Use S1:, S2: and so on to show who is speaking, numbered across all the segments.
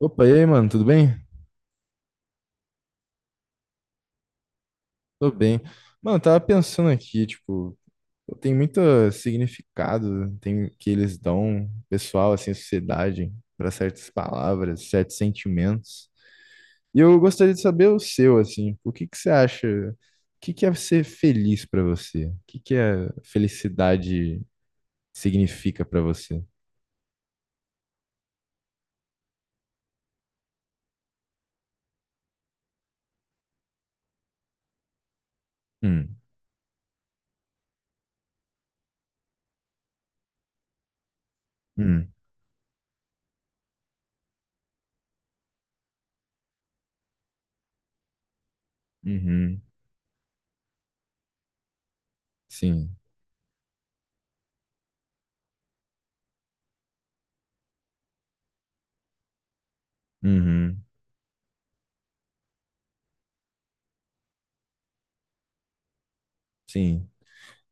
S1: Opa, e aí, mano, tudo bem? Tô bem. Mano, eu tava pensando aqui, tipo, pô, tem muito significado, tem que eles dão, pessoal, assim, sociedade, pra certas palavras, certos sentimentos. E eu gostaria de saber o seu, assim, o que que você acha, o que que é ser feliz pra você? O que que a felicidade significa pra você? Hum. Hum. Uhum. Sim. Uhum. Sim.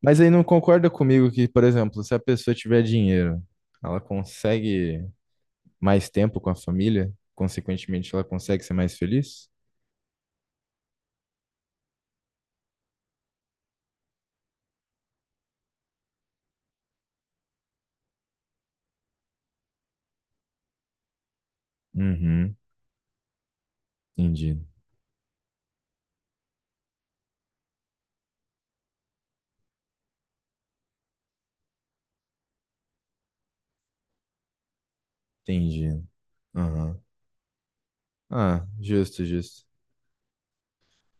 S1: Mas aí não concorda comigo que, por exemplo, se a pessoa tiver dinheiro, ela consegue mais tempo com a família, consequentemente ela consegue ser mais feliz? Uhum. Entendi. Entendi. Aham. Ah, justo, justo.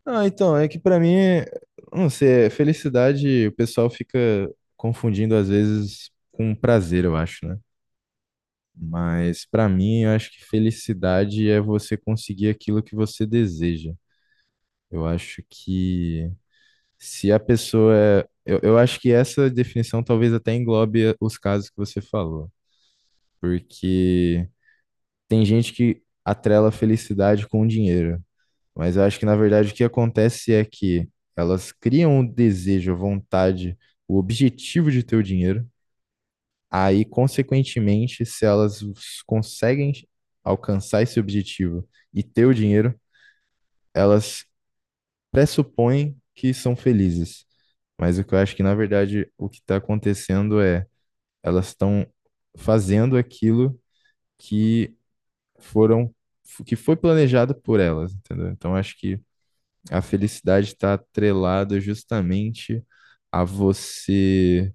S1: Ah, então, é que pra mim, não sei, é felicidade, o pessoal fica confundindo às vezes com prazer, eu acho, né? Mas pra mim, eu acho que felicidade é você conseguir aquilo que você deseja. Eu acho que se a pessoa é. Eu acho que essa definição talvez até englobe os casos que você falou, porque tem gente que atrela a felicidade com o dinheiro, mas eu acho que na verdade o que acontece é que elas criam o desejo, a vontade, o objetivo de ter o dinheiro, aí, consequentemente, se elas conseguem alcançar esse objetivo e ter o dinheiro, elas pressupõem que são felizes. Mas o que eu acho que, na verdade, o que está acontecendo é elas estão fazendo aquilo que foram, que foi planejado por elas, entendeu? Então, acho que a felicidade está atrelada justamente a você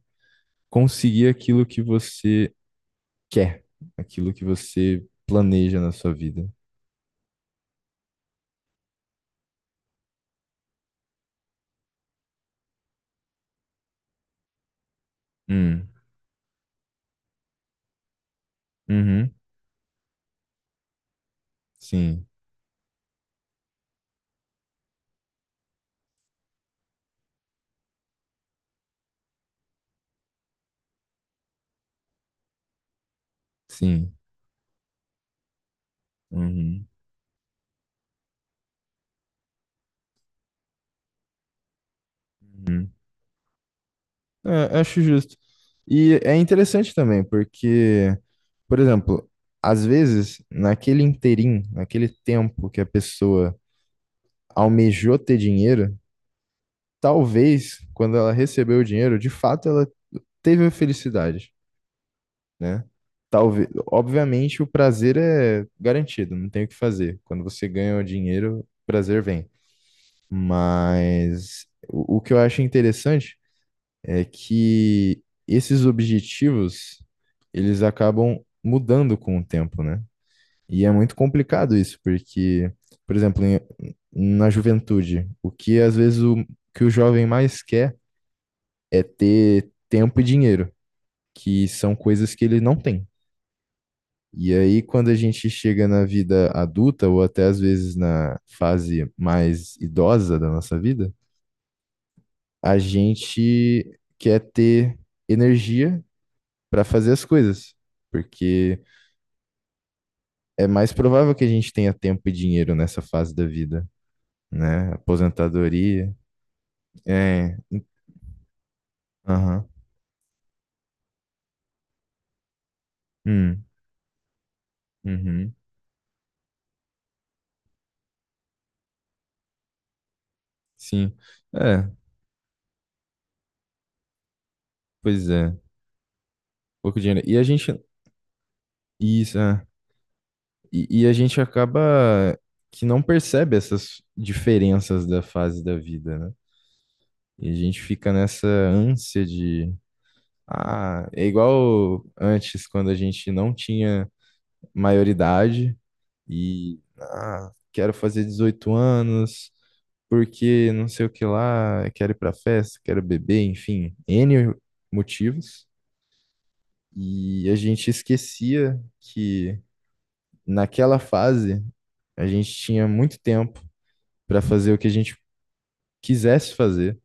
S1: conseguir aquilo que você quer, aquilo que você planeja na sua vida. Hum. Uhum. Sim. Sim. Uhum. Uhum. É, acho justo. E é interessante também, porque por exemplo, às vezes, naquele interim, naquele tempo que a pessoa almejou ter dinheiro, talvez quando ela recebeu o dinheiro, de fato ela teve a felicidade, né? Talvez, obviamente o prazer é garantido, não tem o que fazer. Quando você ganha o dinheiro, o prazer vem. Mas o que eu acho interessante é que esses objetivos, eles acabam mudando com o tempo, né? E é muito complicado isso, porque, por exemplo, na juventude, o que às vezes o que o jovem mais quer é ter tempo e dinheiro, que são coisas que ele não tem. E aí, quando a gente chega na vida adulta, ou até às vezes na fase mais idosa da nossa vida, a gente quer ter energia para fazer as coisas, porque é mais provável que a gente tenha tempo e dinheiro nessa fase da vida, né? Aposentadoria. É, aham. Hum. Uhum. Sim. É, pois é. Pouco dinheiro. E a gente. Isso, é. E a gente acaba que não percebe essas diferenças da fase da vida, né? E a gente fica nessa ânsia de. Ah, é igual antes, quando a gente não tinha maioridade e ah, quero fazer 18 anos, porque não sei o que lá, quero ir pra festa, quero beber, enfim, N motivos. E a gente esquecia que naquela fase a gente tinha muito tempo para fazer o que a gente quisesse fazer.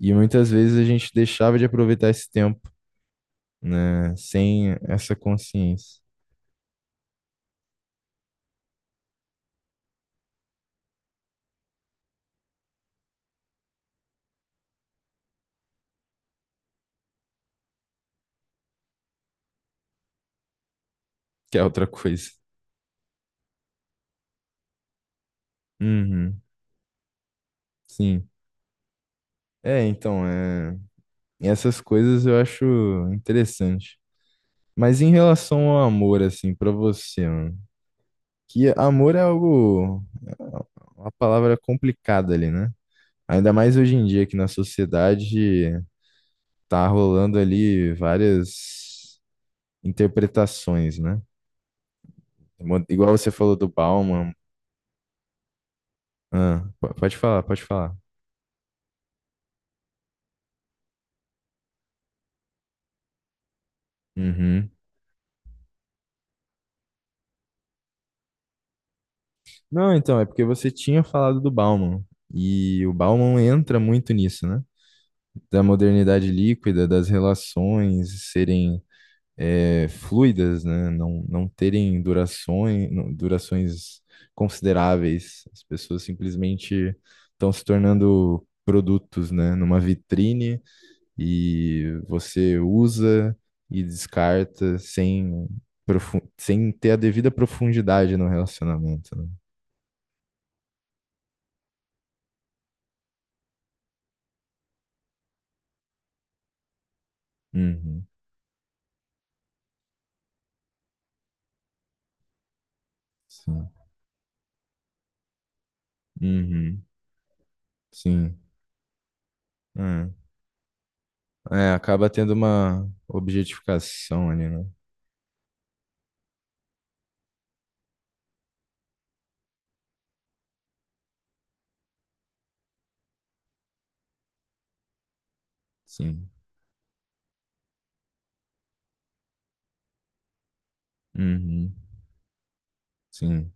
S1: E muitas vezes a gente deixava de aproveitar esse tempo, né, sem essa consciência. Que é outra coisa. Uhum, sim. É, então, é... essas coisas eu acho interessante. Mas em relação ao amor, assim, pra você, mano, que amor é algo, é uma palavra complicada ali, né? Ainda mais hoje em dia que na sociedade tá rolando ali várias interpretações, né? Igual você falou do Bauman. Ah, pode falar, pode falar. Uhum. Não, então, é porque você tinha falado do Bauman, e o Bauman entra muito nisso, né? Da modernidade líquida, das relações serem fluidas, né? Não, não terem durações, durações consideráveis. As pessoas simplesmente estão se tornando produtos, né? Numa vitrine, e você usa e descarta sem ter a devida profundidade no relacionamento, né? Uhum, sim. Uhum, sim. É, é, acaba tendo uma objetificação ali, né? Sim. Uhum, sim.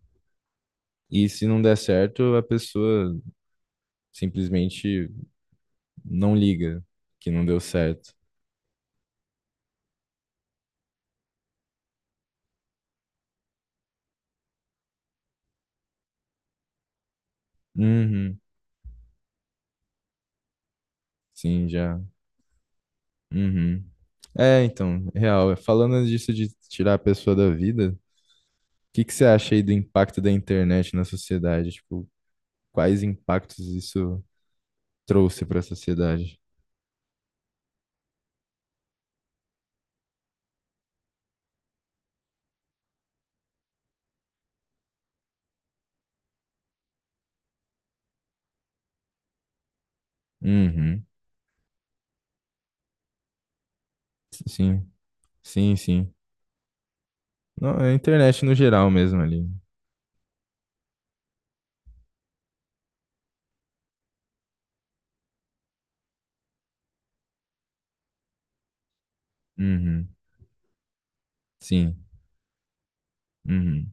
S1: E se não der certo, a pessoa simplesmente não liga que não deu certo. Uhum, sim, já. Uhum. É, então, real. Falando disso de tirar a pessoa da vida, o que que você acha aí do impacto da internet na sociedade? Tipo, quais impactos isso trouxe para a sociedade? Uhum. Sim, sim, sim. Não, é a internet no geral mesmo ali. Uhum. Sim. Uhum.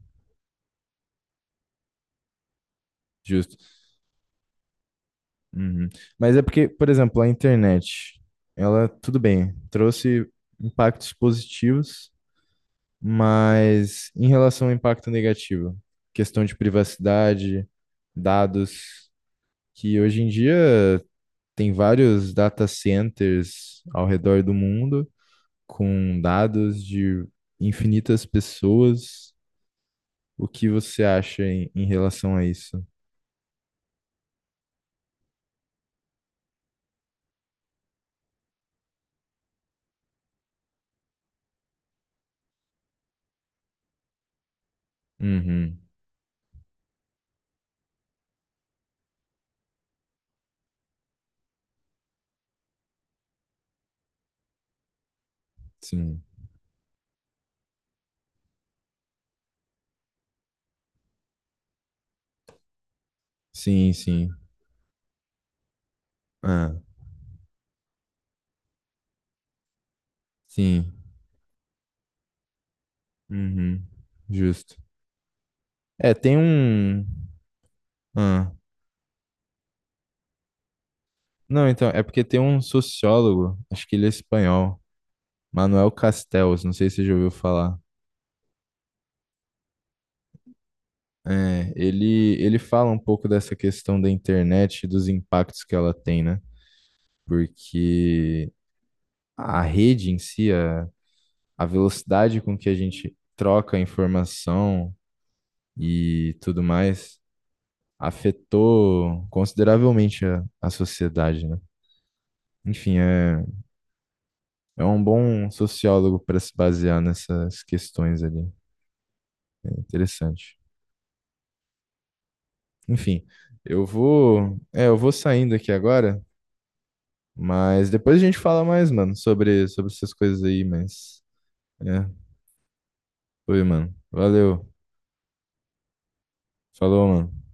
S1: Justo. Uhum. Mas é porque, por exemplo, a internet, ela, tudo bem, trouxe impactos positivos, mas em relação ao impacto negativo, questão de privacidade, dados, que hoje em dia tem vários data centers ao redor do mundo, com dados de infinitas pessoas. O que você acha em relação a isso? Uhum, sim. Sim, sim. Ah, sim. Uhum, justo. É, tem um. Ah, não, então, é porque tem um sociólogo, acho que ele é espanhol, Manuel Castells, não sei se você já ouviu falar. É, ele fala um pouco dessa questão da internet e dos impactos que ela tem, né? Porque a rede em si, a velocidade com que a gente troca informação e tudo mais afetou consideravelmente a sociedade, né? Enfim, é um bom sociólogo para se basear nessas questões ali. É interessante. Enfim, eu vou saindo aqui agora, mas depois a gente fala mais, mano, sobre essas coisas aí, mas é, foi, mano. Valeu. Falou, mano.